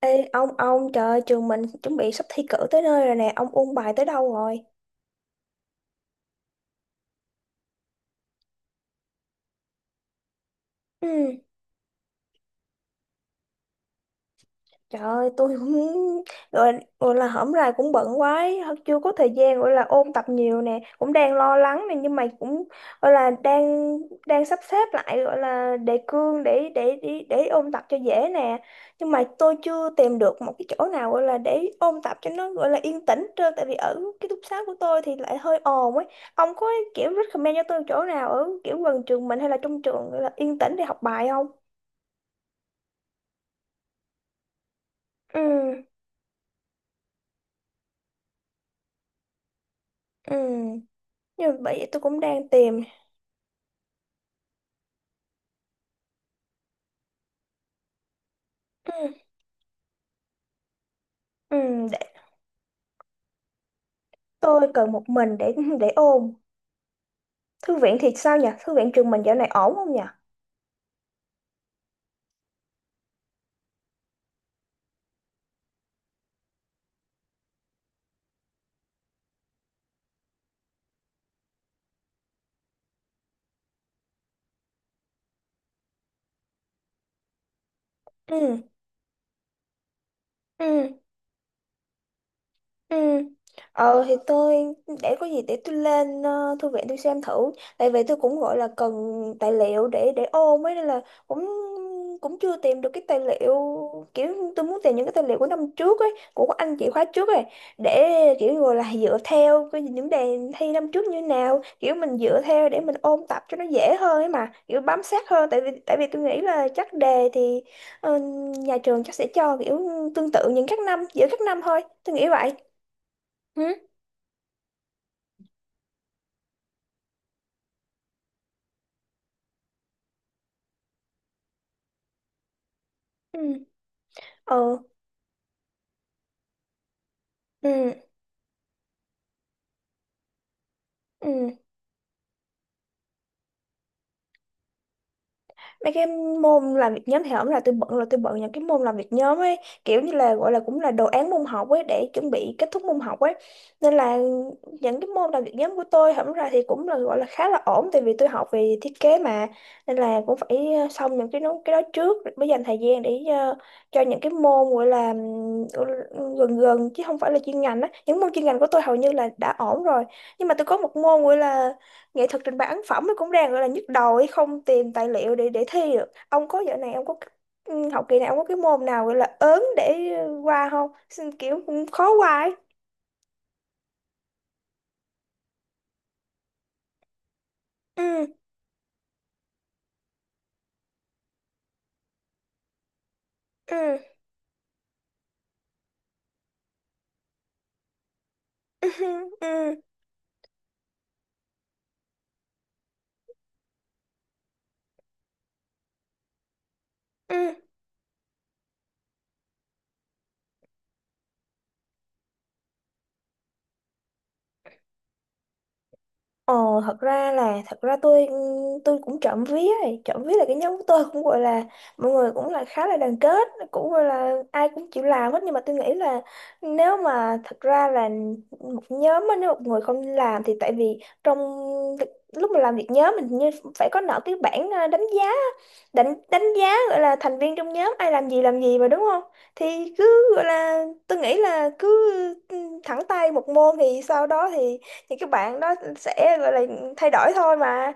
Ê, ông trời trường mình chuẩn bị sắp thi cử tới nơi rồi nè, ông ôn bài tới đâu rồi? Ừ. Trời ơi, tôi cũng gọi, gọi là hổm rày cũng bận quá ấy, chưa có thời gian gọi là ôn tập nhiều nè, cũng đang lo lắng nè nhưng mà cũng gọi là đang đang sắp xếp lại gọi là đề cương để ôn tập cho dễ nè. Nhưng mà tôi chưa tìm được một cái chỗ nào gọi là để ôn tập cho nó gọi là yên tĩnh trơn, tại vì ở cái ký túc xá của tôi thì lại hơi ồn ấy. Ông có kiểu recommend cho tôi chỗ nào ở kiểu gần trường mình hay là trong trường gọi là yên tĩnh để học bài không? Ừ, ừ. Nhưng mà bởi vậy tôi cũng đang tìm. Ừ, ừ, để tôi cần một mình để ôn. Thư viện thì sao nhỉ? Thư viện trường mình dạo này ổn không nhỉ? Ừ, ừ. Ừ. Ờ thì tôi, để có gì để tôi lên thư viện tôi xem thử, tại vì tôi cũng gọi là cần tài liệu để ôn ấy, nên là cũng cũng chưa tìm được cái tài liệu kiểu, tôi muốn tìm những cái tài liệu của năm trước ấy, của các anh chị khóa trước ấy, để kiểu gọi là dựa theo cái những đề thi năm trước như nào, kiểu mình dựa theo để mình ôn tập cho nó dễ hơn ấy, mà kiểu bám sát hơn, tại vì tôi nghĩ là chắc đề thì ờ, nhà trường chắc sẽ cho kiểu tương tự những các năm, giữa các năm thôi, tôi nghĩ vậy. Ừ. Ừ. Ừ. Ừ. Ừ. Mấy cái môn làm việc nhóm thì không, là tôi bận, là tôi bận những cái môn làm việc nhóm ấy, kiểu như là gọi là cũng là đồ án môn học ấy để chuẩn bị kết thúc môn học ấy, nên là những cái môn làm việc nhóm của tôi hổng ra thì cũng là gọi là khá là ổn, tại vì tôi học về thiết kế mà, nên là cũng phải xong những cái nó cái đó trước mới dành thời gian để cho những cái môn gọi là gần gần chứ không phải là chuyên ngành á, những môn chuyên ngành của tôi hầu như là đã ổn rồi, nhưng mà tôi có một môn gọi là nghệ thuật trình bày ấn phẩm, nó cũng đang gọi là nhức đầu ấy, không tìm tài liệu để thi được. Ông có dạo này ông có, học kỳ này ông có cái môn nào gọi là ớn để qua không? Xin kiểu cũng khó qua ấy. Ừ. Ừ. Ừ. Ừ. Ừ. Ờ, thật ra tôi, tôi cũng trộm vía ấy. Trộm vía là cái nhóm của tôi cũng gọi là mọi người cũng là khá là đoàn kết, cũng gọi là ai cũng chịu làm hết, nhưng mà tôi nghĩ là, nếu mà thật ra là một nhóm á, nếu một người không làm thì, tại vì trong lúc mà làm việc nhóm mình như phải có nợ cái bảng đánh giá, đánh đánh giá gọi là thành viên trong nhóm ai làm gì mà, đúng không? Thì cứ gọi là, tôi nghĩ là cứ ừ, thẳng tay một môn thì sau đó thì các bạn đó sẽ gọi là thay đổi thôi mà,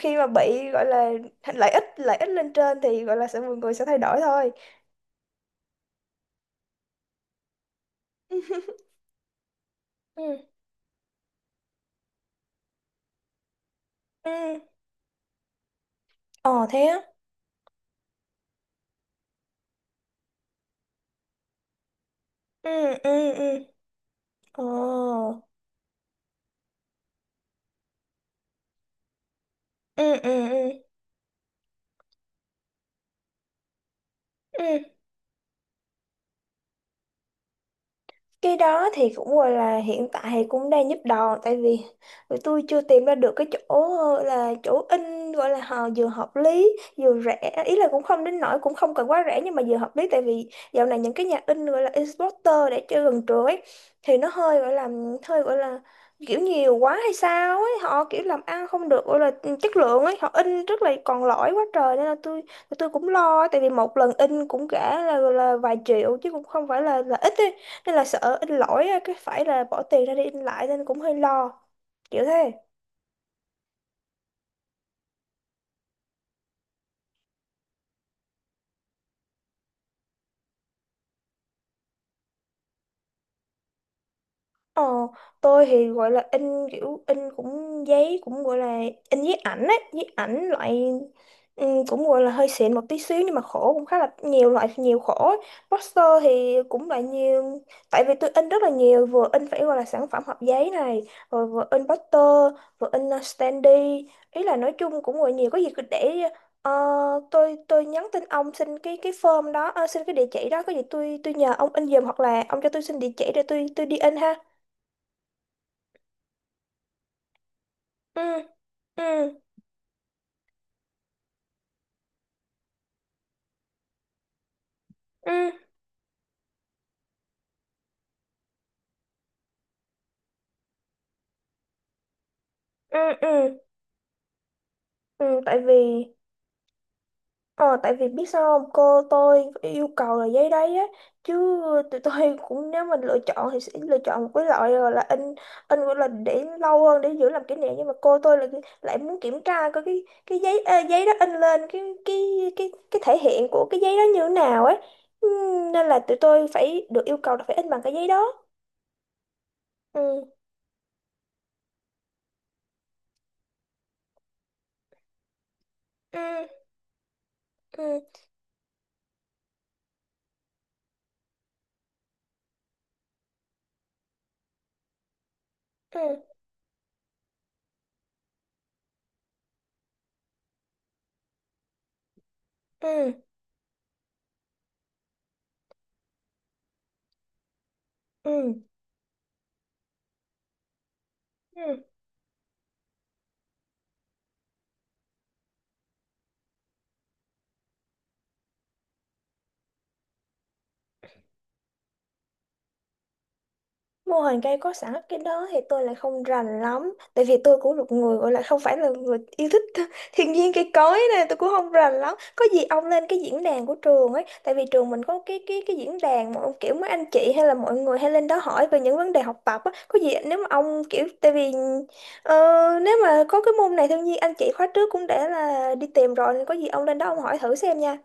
khi mà bị gọi là lợi ích lên trên thì gọi là sẽ mọi người sẽ thay đổi thôi. Ừ. Ừ. Ờ thế á. Ừ. Ừ. Ừ. Ờ. Ừ. Ừ. Ừ. Ừ. Cái đó thì cũng gọi là hiện tại thì cũng đang giúp đòn, tại vì tụi tôi chưa tìm ra được cái chỗ là chỗ in gọi là họ vừa hợp lý vừa rẻ, ý là cũng không đến nỗi cũng không cần quá rẻ nhưng mà vừa hợp lý, tại vì dạo này những cái nhà in gọi là Exporter để chơi gần trường ấy, thì nó hơi gọi là hơi gọi là kiểu nhiều quá hay sao ấy, họ kiểu làm ăn không được gọi là chất lượng ấy, họ in rất là còn lỗi quá trời, nên là tôi cũng lo, tại vì một lần in cũng cả là vài triệu chứ cũng không phải là ít ấy. Hay là sợ in lỗi á, cái phải là bỏ tiền ra để in lại nên cũng hơi lo kiểu thế. Ờ, tôi thì gọi là in, kiểu in cũng giấy cũng gọi là in giấy ảnh á, giấy ảnh loại, ừ, cũng gọi là hơi xịn một tí xíu nhưng mà khổ cũng khá là nhiều loại nhiều khổ ấy. Poster thì cũng là nhiều, tại vì tôi in rất là nhiều, vừa in phải gọi là sản phẩm hộp giấy này, rồi vừa in poster, vừa in standee, ý là nói chung cũng gọi nhiều, có gì cứ để ờ, tôi nhắn tin ông xin cái form đó, xin cái địa chỉ đó, có gì tôi nhờ ông in giùm, hoặc là ông cho tôi xin địa chỉ để tôi đi in ha. Ừ. Ừ. Ừ. Ừ. Ừ, ừ. Tại vì, ờ, tại vì biết sao không, cô tôi yêu cầu là giấy đấy á, chứ tụi tôi cũng nếu mình lựa chọn thì sẽ lựa chọn một cái loại gọi là in gọi là để lâu hơn để giữ làm kỷ niệm, nhưng mà cô tôi lại lại muốn kiểm tra coi cái giấy, giấy đó in lên cái cái thể hiện của cái giấy đó như thế nào ấy. Ừ, nên là tụi tôi phải được yêu cầu là phải in bằng cái giấy đó. Ừ. Ừ. Ừ. Ừ. Ừ. Ừ. Ừ. Mô hình cây có sẵn cái đó thì tôi lại không rành lắm. Tại vì tôi cũng một người gọi là không phải là người yêu thích thiên nhiên cây cối này, tôi cũng không rành lắm. Có gì ông lên cái diễn đàn của trường ấy, tại vì trường mình có cái cái diễn đàn mà ông kiểu mấy anh chị hay là mọi người hay lên đó hỏi về những vấn đề học tập á. Có gì nếu mà ông kiểu, tại vì ờ, nếu mà có cái môn này thiên nhiên, anh chị khóa trước cũng đã là đi tìm rồi, nên có gì ông lên đó ông hỏi thử xem nha.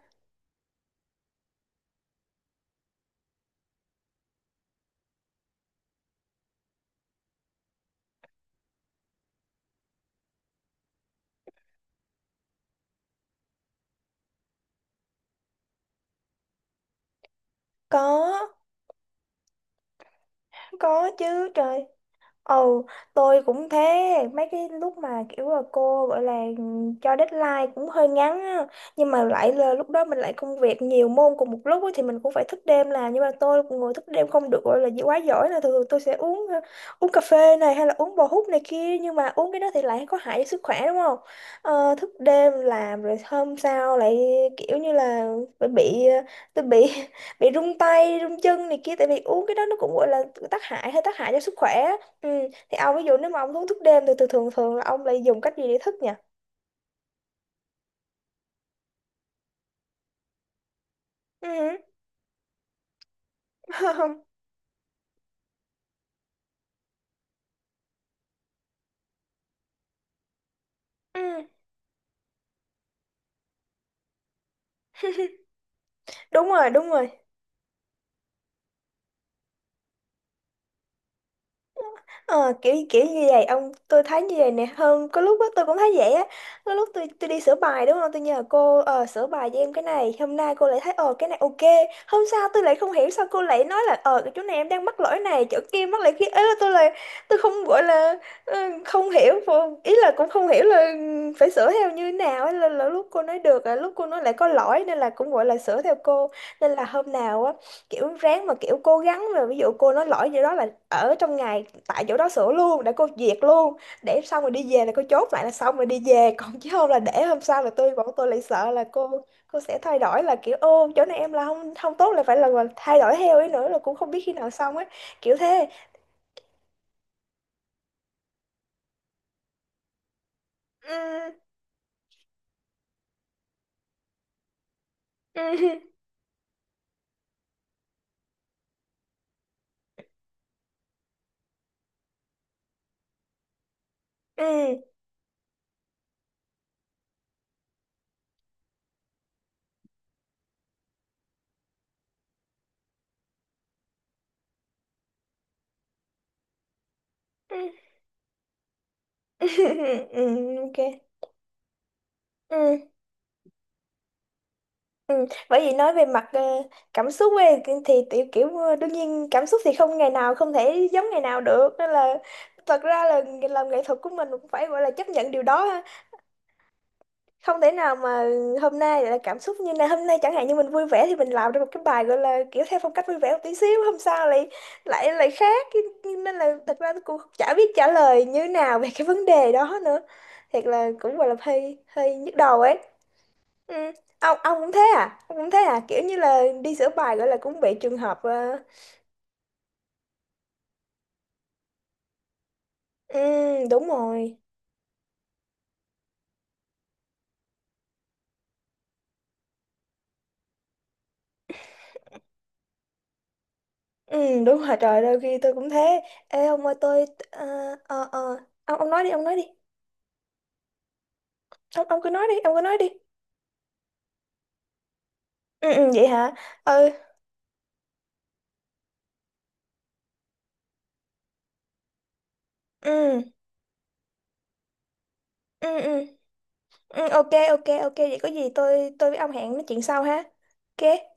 Có, có chứ trời. Ừ, tôi cũng thế, mấy cái lúc mà kiểu là cô gọi là cho deadline cũng hơi ngắn á, nhưng mà lại là lúc đó mình lại công việc nhiều môn cùng một lúc á, thì mình cũng phải thức đêm làm, nhưng mà tôi cũng ngồi thức đêm không được, gọi là gì quá giỏi, là thường thường tôi sẽ uống uống cà phê này hay là uống bò hút này kia, nhưng mà uống cái đó thì lại có hại cho sức khỏe đúng không? Ờ, thức đêm làm rồi hôm sau lại kiểu như là bị, tôi bị bị run tay, run chân này kia, tại vì uống cái đó nó cũng gọi là tác hại cho sức khỏe. Ừ. Thì ông ví dụ nếu mà ông uống thuốc đêm thì thường thường thường là ông lại dùng cách gì để thức nhỉ? Ừ. Ừ. Đúng rồi, đúng rồi. Ờ, kiểu kiểu như vậy ông, tôi thấy như vậy nè, hơn có lúc á tôi cũng thấy vậy á, có lúc tôi đi sửa bài đúng không, tôi nhờ cô sửa bài cho em cái này, hôm nay cô lại thấy ờ cái này ok, hôm sau tôi lại không hiểu sao cô lại nói là ờ cái chỗ này em đang mắc lỗi này chỗ kia mắc lỗi kia ấy, là tôi không gọi là ờ, không hiểu ý là cũng không hiểu là phải sửa theo như thế nào ấy, là lúc cô nói được là lúc cô nói lại có lỗi, nên là cũng gọi là sửa theo cô, nên là hôm nào á kiểu ráng mà kiểu cố gắng mà, ví dụ cô nói lỗi gì đó là ở trong ngày tại chỗ đó sửa luôn để cô duyệt luôn, để xong rồi đi về là cô chốt lại là xong rồi đi về còn chứ không là để hôm sau là bọn tôi lại sợ là cô sẽ thay đổi là kiểu ô chỗ này em là không không tốt, là phải là thay đổi theo ấy nữa là cũng không biết khi nào xong ấy, kiểu thế. Ừ, ừ, ừ, ừ, ừ, ừ, ok. Ừ, ừ. Bởi vì nói về mặt cảm xúc ấy thì tiểu kiểu ờ, đương nhiên cảm xúc thì không ngày nào không thể giống ngày nào được, nên là thật ra là làm nghệ thuật của mình cũng phải gọi là chấp nhận điều đó ha, không thể nào mà hôm nay lại là cảm xúc như này, hôm nay chẳng hạn như mình vui vẻ thì mình làm ra một cái bài gọi là kiểu theo phong cách vui vẻ một tí xíu, hôm sau lại lại lại khác, nên là thật ra tôi cũng chả biết trả lời như nào về cái vấn đề đó nữa, thiệt là cũng gọi là hơi hơi nhức đầu ấy. Ừ. Ông cũng thế à? Ông cũng thế à kiểu như là đi sửa bài gọi là cũng bị trường hợp ờ, ừ, đúng rồi. Ừ, đúng rồi trời, đôi khi tôi cũng thế. Ê ông ơi tôi, ờ, ờ ờ, ông nói đi ông nói đi, ông cứ nói đi ông cứ nói đi. Ừ, ừ, vậy hả. Ừ. Ừ. Ừ. Ừ. Ừ, ok ok ok, vậy có gì tôi với ông hẹn nói chuyện sau ha. Ok.